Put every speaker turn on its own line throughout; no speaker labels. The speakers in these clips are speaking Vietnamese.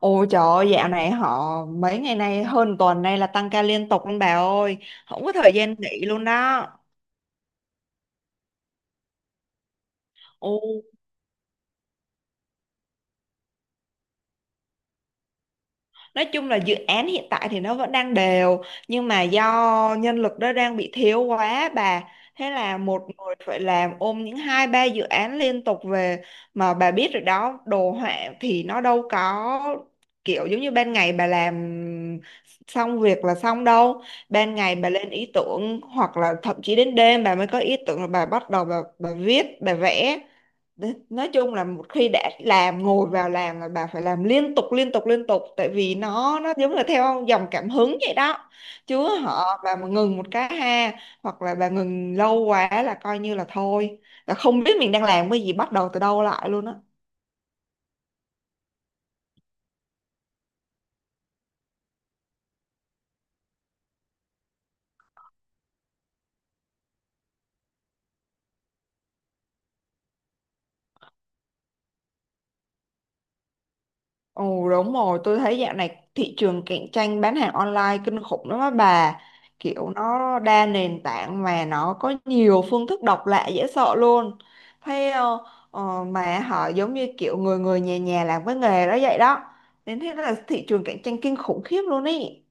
Ôi trời ơi, dạo này họ mấy ngày nay hơn tuần nay là tăng ca liên tục luôn bà ơi. Không có thời gian nghỉ luôn đó. Nói chung là dự án hiện tại thì nó vẫn đang đều, nhưng mà do nhân lực đó đang bị thiếu quá bà. Thế là một người phải làm ôm những hai ba dự án liên tục về, mà bà biết rồi đó, đồ họa thì nó đâu có kiểu giống như ban ngày bà làm xong việc là xong đâu. Ban ngày bà lên ý tưởng, hoặc là thậm chí đến đêm bà mới có ý tưởng là bà bắt đầu bà viết bà vẽ. Nói chung là một khi đã làm ngồi vào làm là bà phải làm liên tục liên tục liên tục, tại vì nó giống là theo dòng cảm hứng vậy đó. Chứ họ bà mà ngừng một cái ha, hoặc là bà ngừng lâu quá là coi như là thôi, là không biết mình đang làm cái gì, bắt đầu từ đâu lại luôn á. Ồ đúng rồi, tôi thấy dạo này thị trường cạnh tranh bán hàng online kinh khủng lắm á bà. Kiểu nó đa nền tảng mà nó có nhiều phương thức độc lạ dễ sợ luôn. Thế ờ, mà họ giống như kiểu người người nhà nhà làm cái nghề đó vậy đó. Nên thế là thị trường cạnh tranh kinh khủng khiếp luôn ý.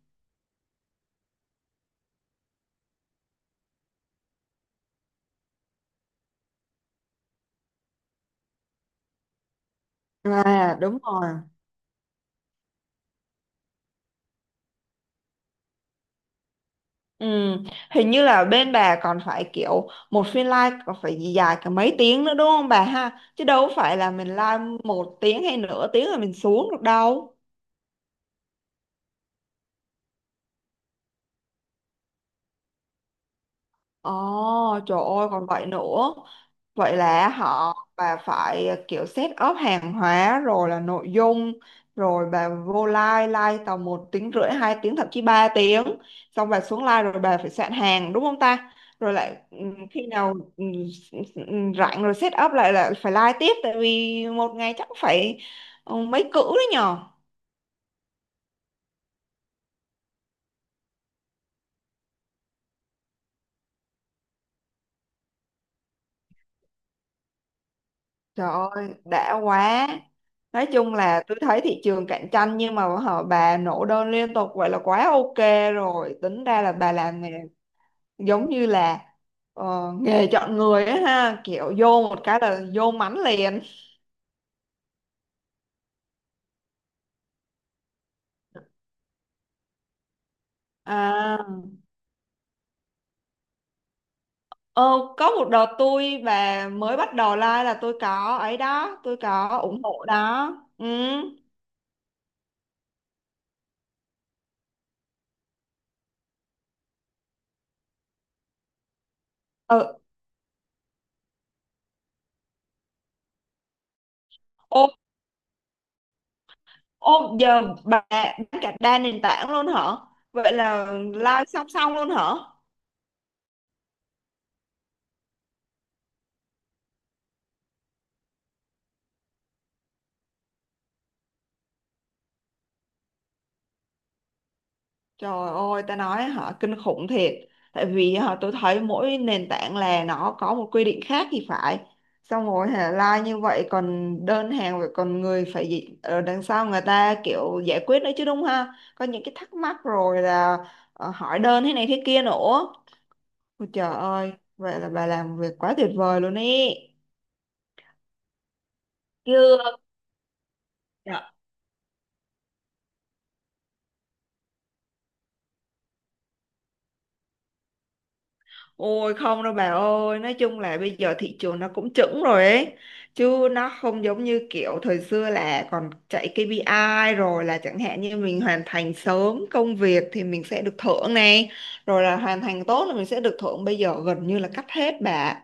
À đúng rồi. Ừ, hình như là bên bà còn phải kiểu một phiên live còn phải gì dài cả mấy tiếng nữa đúng không bà ha? Chứ đâu phải là mình live một tiếng hay nửa tiếng rồi mình xuống được đâu. Ồ, trời ơi còn vậy nữa. Vậy là họ bà phải kiểu set up hàng hóa rồi là nội dung, rồi bà vô live live tầm một tiếng rưỡi hai tiếng thậm chí 3 tiếng, xong bà xuống live rồi bà phải soạn hàng đúng không ta, rồi lại khi nào rảnh rồi set up lại là phải live tiếp, tại vì một ngày chắc phải ừ, mấy cữ đấy nhờ. Trời ơi, đã quá. Nói chung là tôi thấy thị trường cạnh tranh nhưng mà họ bà nổ đơn liên tục vậy là quá ok rồi. Tính ra là bà làm nghề giống như là nghề chọn người á ha, kiểu vô một cái là vô mánh liền. À, ờ, có một đợt tôi và mới bắt đầu like là tôi có ấy đó, tôi có ủng hộ đó. Ừ. Ừ. Ô, ô, giờ bà bán cả đa nền tảng luôn hả? Vậy là live song song luôn hả? Trời ơi, ta nói họ kinh khủng thiệt. Tại vì họ tôi thấy mỗi nền tảng là nó có một quy định khác thì phải. Xong rồi hả, like như vậy còn đơn hàng rồi còn người phải gì ở đằng sau người ta kiểu giải quyết nữa chứ đúng ha. Có những cái thắc mắc rồi là hỏi đơn thế này thế kia nữa. Ôi trời ơi, vậy là bà làm việc quá tuyệt vời luôn ý. Chưa. Ôi không đâu bà ơi, nói chung là bây giờ thị trường nó cũng chững rồi ấy. Chứ nó không giống như kiểu thời xưa là còn chạy KPI rồi là chẳng hạn như mình hoàn thành sớm công việc thì mình sẽ được thưởng này. Rồi là hoàn thành tốt là mình sẽ được thưởng. Bây giờ gần như là cắt hết bà.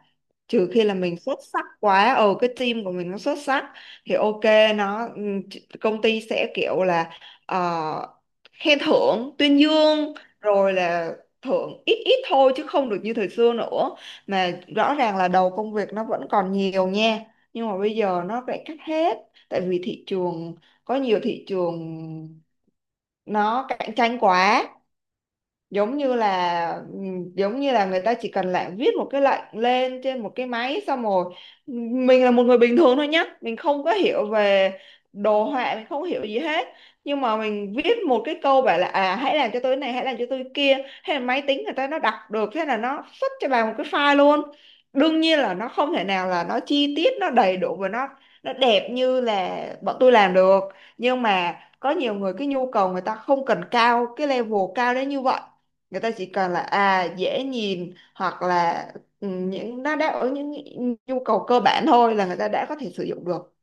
Trừ khi là mình xuất sắc quá, ờ cái team của mình nó xuất sắc thì ok, nó công ty sẽ kiểu là ờ, khen thưởng, tuyên dương, rồi là thưởng ít ít thôi chứ không được như thời xưa nữa, mà rõ ràng là đầu công việc nó vẫn còn nhiều nha, nhưng mà bây giờ nó lại cắt hết, tại vì thị trường, có nhiều thị trường nó cạnh tranh quá, giống như là ừ, giống như là người ta chỉ cần lại viết một cái lệnh lên trên một cái máy xong rồi ừ, mình là một người bình thường thôi nhá, mình không có hiểu về đồ họa, mình không hiểu gì hết, nhưng mà mình viết một cái câu bảo là à hãy làm cho tôi cái này hãy làm cho tôi cái kia, hay là máy tính người ta nó đọc được thế là nó xuất cho bà một cái file luôn. Đương nhiên là nó không thể nào là nó chi tiết nó đầy đủ và nó đẹp như là bọn tôi làm được, nhưng mà có nhiều người cái nhu cầu người ta không cần cao cái level cao đến như vậy. Người ta chỉ cần là à dễ nhìn hoặc là ừ, những nó đáp ứng những nhu cầu cơ bản thôi là người ta đã có thể sử dụng được.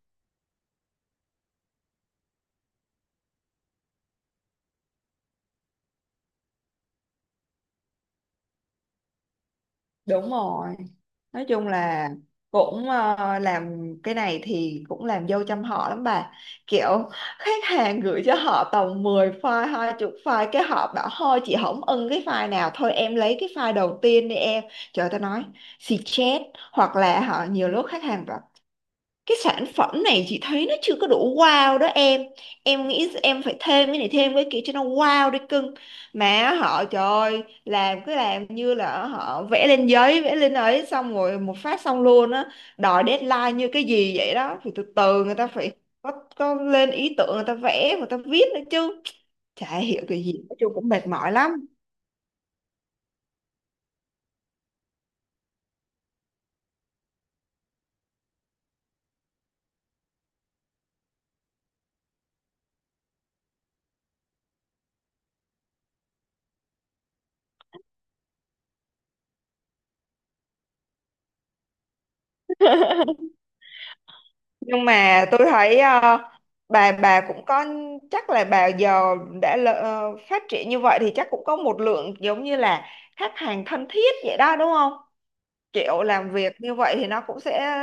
Đúng rồi, nói chung là cũng làm cái này thì cũng làm dâu trăm họ lắm bà, kiểu khách hàng gửi cho họ tầm 10 file hai chục file cái họ bảo thôi chị không ưng cái file nào thôi em lấy cái file đầu tiên đi em. Trời ta nói, xì chết. Hoặc là họ nhiều lúc khách hàng bảo cái sản phẩm này chị thấy nó chưa có đủ wow đó em nghĩ em phải thêm cái này thêm cái kia cho nó wow đi cưng. Mà họ trời ơi, làm cứ làm như là họ vẽ lên giấy vẽ lên ấy xong rồi một phát xong luôn á, đòi deadline như cái gì vậy đó, thì từ từ người ta phải có, lên ý tưởng người ta vẽ người ta viết nữa chứ, chả hiểu cái gì, nói chung cũng mệt mỏi lắm. Nhưng mà tôi thấy bà cũng có, chắc là bà giờ đã phát triển như vậy thì chắc cũng có một lượng giống như là khách hàng thân thiết vậy đó đúng không, kiểu làm việc như vậy thì nó cũng sẽ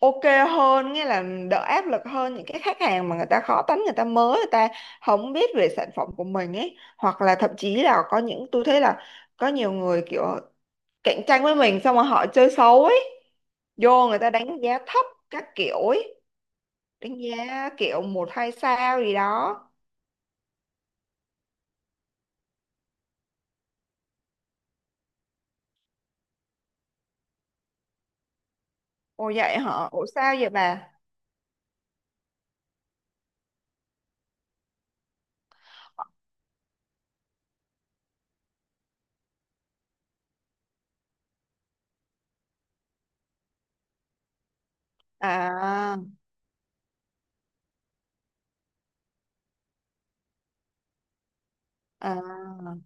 ok hơn, nghĩa là đỡ áp lực hơn những cái khách hàng mà người ta khó tính, người ta mới, người ta không biết về sản phẩm của mình ấy, hoặc là thậm chí là có những tôi thấy là có nhiều người kiểu cạnh tranh với mình xong rồi họ chơi xấu ấy, vô người ta đánh giá thấp các kiểu ấy, đánh giá kiểu một hai sao gì đó. Ồ vậy hả, ủa sao vậy bà? À à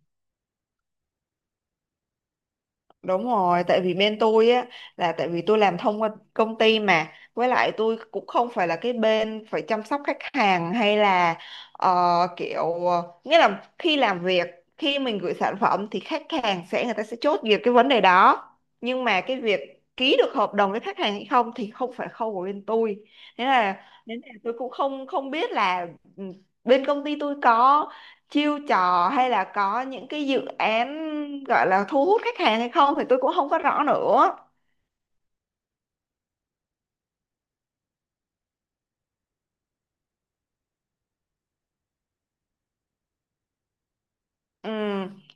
Đúng rồi, tại vì bên tôi á là tại vì tôi làm thông qua công ty, mà với lại tôi cũng không phải là cái bên phải chăm sóc khách hàng hay là ờ, nghĩa là khi làm việc, khi mình gửi sản phẩm thì khách hàng sẽ người ta sẽ chốt việc cái vấn đề đó, nhưng mà cái việc ký được hợp đồng với khách hàng hay không thì không phải khâu của bên tôi. Thế là nên là tôi cũng không không biết là ừ, bên công ty tôi có chiêu trò hay là có những cái dự án gọi là thu hút khách hàng hay không thì tôi cũng không có rõ nữa. Ừ,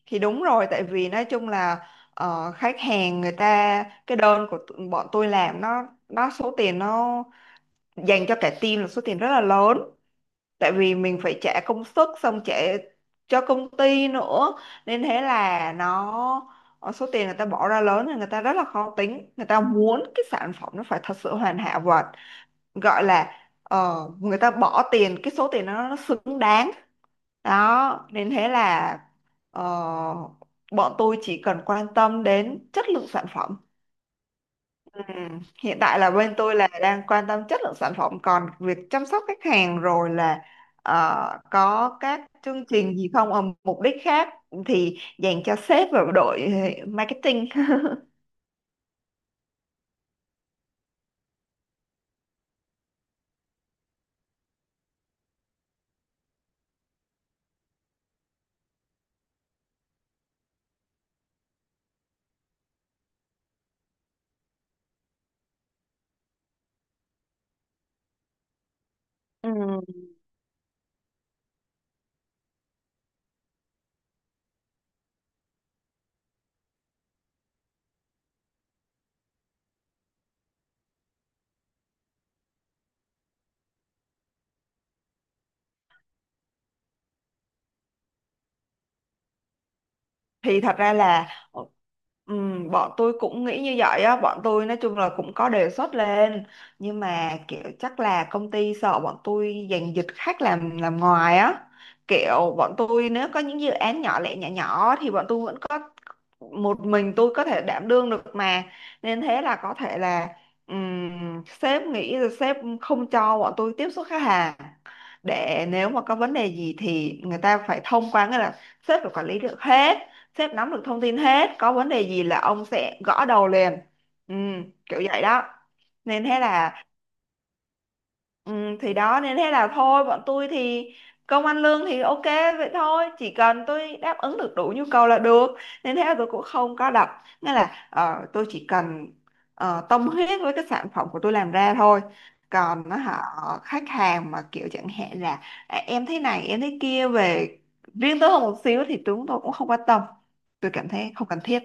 thì đúng rồi, tại vì nói chung là khách hàng người ta cái đơn của tụi- bọn tôi làm nó số tiền nó dành cho cả team là số tiền rất là lớn, tại vì mình phải trả công sức xong trả cho công ty nữa, nên thế là nó số tiền người ta bỏ ra lớn thì người ta rất là khó tính, người ta muốn cái sản phẩm nó phải thật sự hoàn hảo và gọi là người ta bỏ tiền cái số tiền đó nó xứng đáng. Đó nên thế là ờ, bọn tôi chỉ cần quan tâm đến chất lượng sản phẩm. Ừ. Hiện tại là bên tôi là đang quan tâm chất lượng sản phẩm, còn việc chăm sóc khách hàng rồi là có các chương trình gì không, mục đích khác thì dành cho sếp và đội marketing. Ừ. Thì thật ra là ờ, bọn tôi cũng nghĩ như vậy á, bọn tôi nói chung là cũng có đề xuất lên, nhưng mà kiểu chắc là công ty sợ bọn tôi giành giật khách làm ngoài á, kiểu bọn tôi nếu có những dự án nhỏ lẻ nhỏ nhỏ thì bọn tôi vẫn có, một mình tôi có thể đảm đương được mà, nên thế là có thể là sếp nghĩ là sếp không cho bọn tôi tiếp xúc khách hàng, để nếu mà có vấn đề gì thì người ta phải thông qua, nghĩa là sếp phải quản lý được hết, sếp nắm được thông tin hết, có vấn đề gì là ông sẽ gõ đầu liền, ừ, kiểu vậy đó. Nên thế là ừ, thì đó nên thế là thôi bọn tôi thì công ăn lương thì ok vậy thôi, chỉ cần tôi đáp ứng được đủ nhu cầu là được, nên thế là tôi cũng không có đặt, nghĩa là tôi chỉ cần tâm huyết với cái sản phẩm của tôi làm ra thôi. Còn nó họ, khách hàng mà kiểu chẳng hạn là à, em thấy này em thấy kia về riêng tôi hơn một xíu thì chúng tôi cũng không quan tâm, tôi cảm thấy không cần thiết.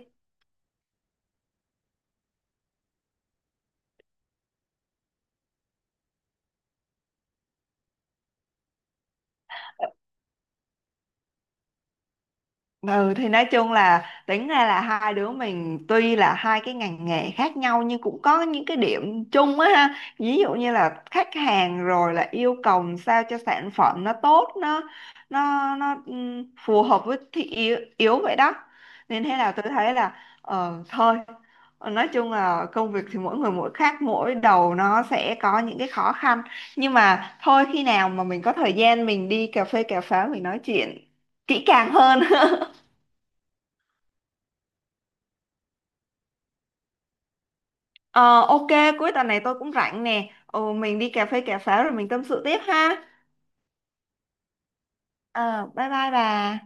Ừ thì nói chung là tính ra là hai đứa mình tuy là hai cái ngành nghề khác nhau nhưng cũng có những cái điểm chung á ha. Ví dụ như là khách hàng rồi là yêu cầu sao cho sản phẩm nó tốt, nó phù hợp với thị yếu, yếu vậy đó. Nên thế là tôi thấy là thôi. Ờ, nói chung là công việc thì mỗi người mỗi khác, mỗi đầu nó sẽ có những cái khó khăn, nhưng mà thôi khi nào mà mình có thời gian mình đi cà phê cà pháo mình nói chuyện kỹ càng hơn. Ờ, ok, cuối tuần này tôi cũng rảnh nè. Ồ, mình đi cà phê cà pháo rồi mình tâm sự tiếp ha. Ờ, bye bye bà.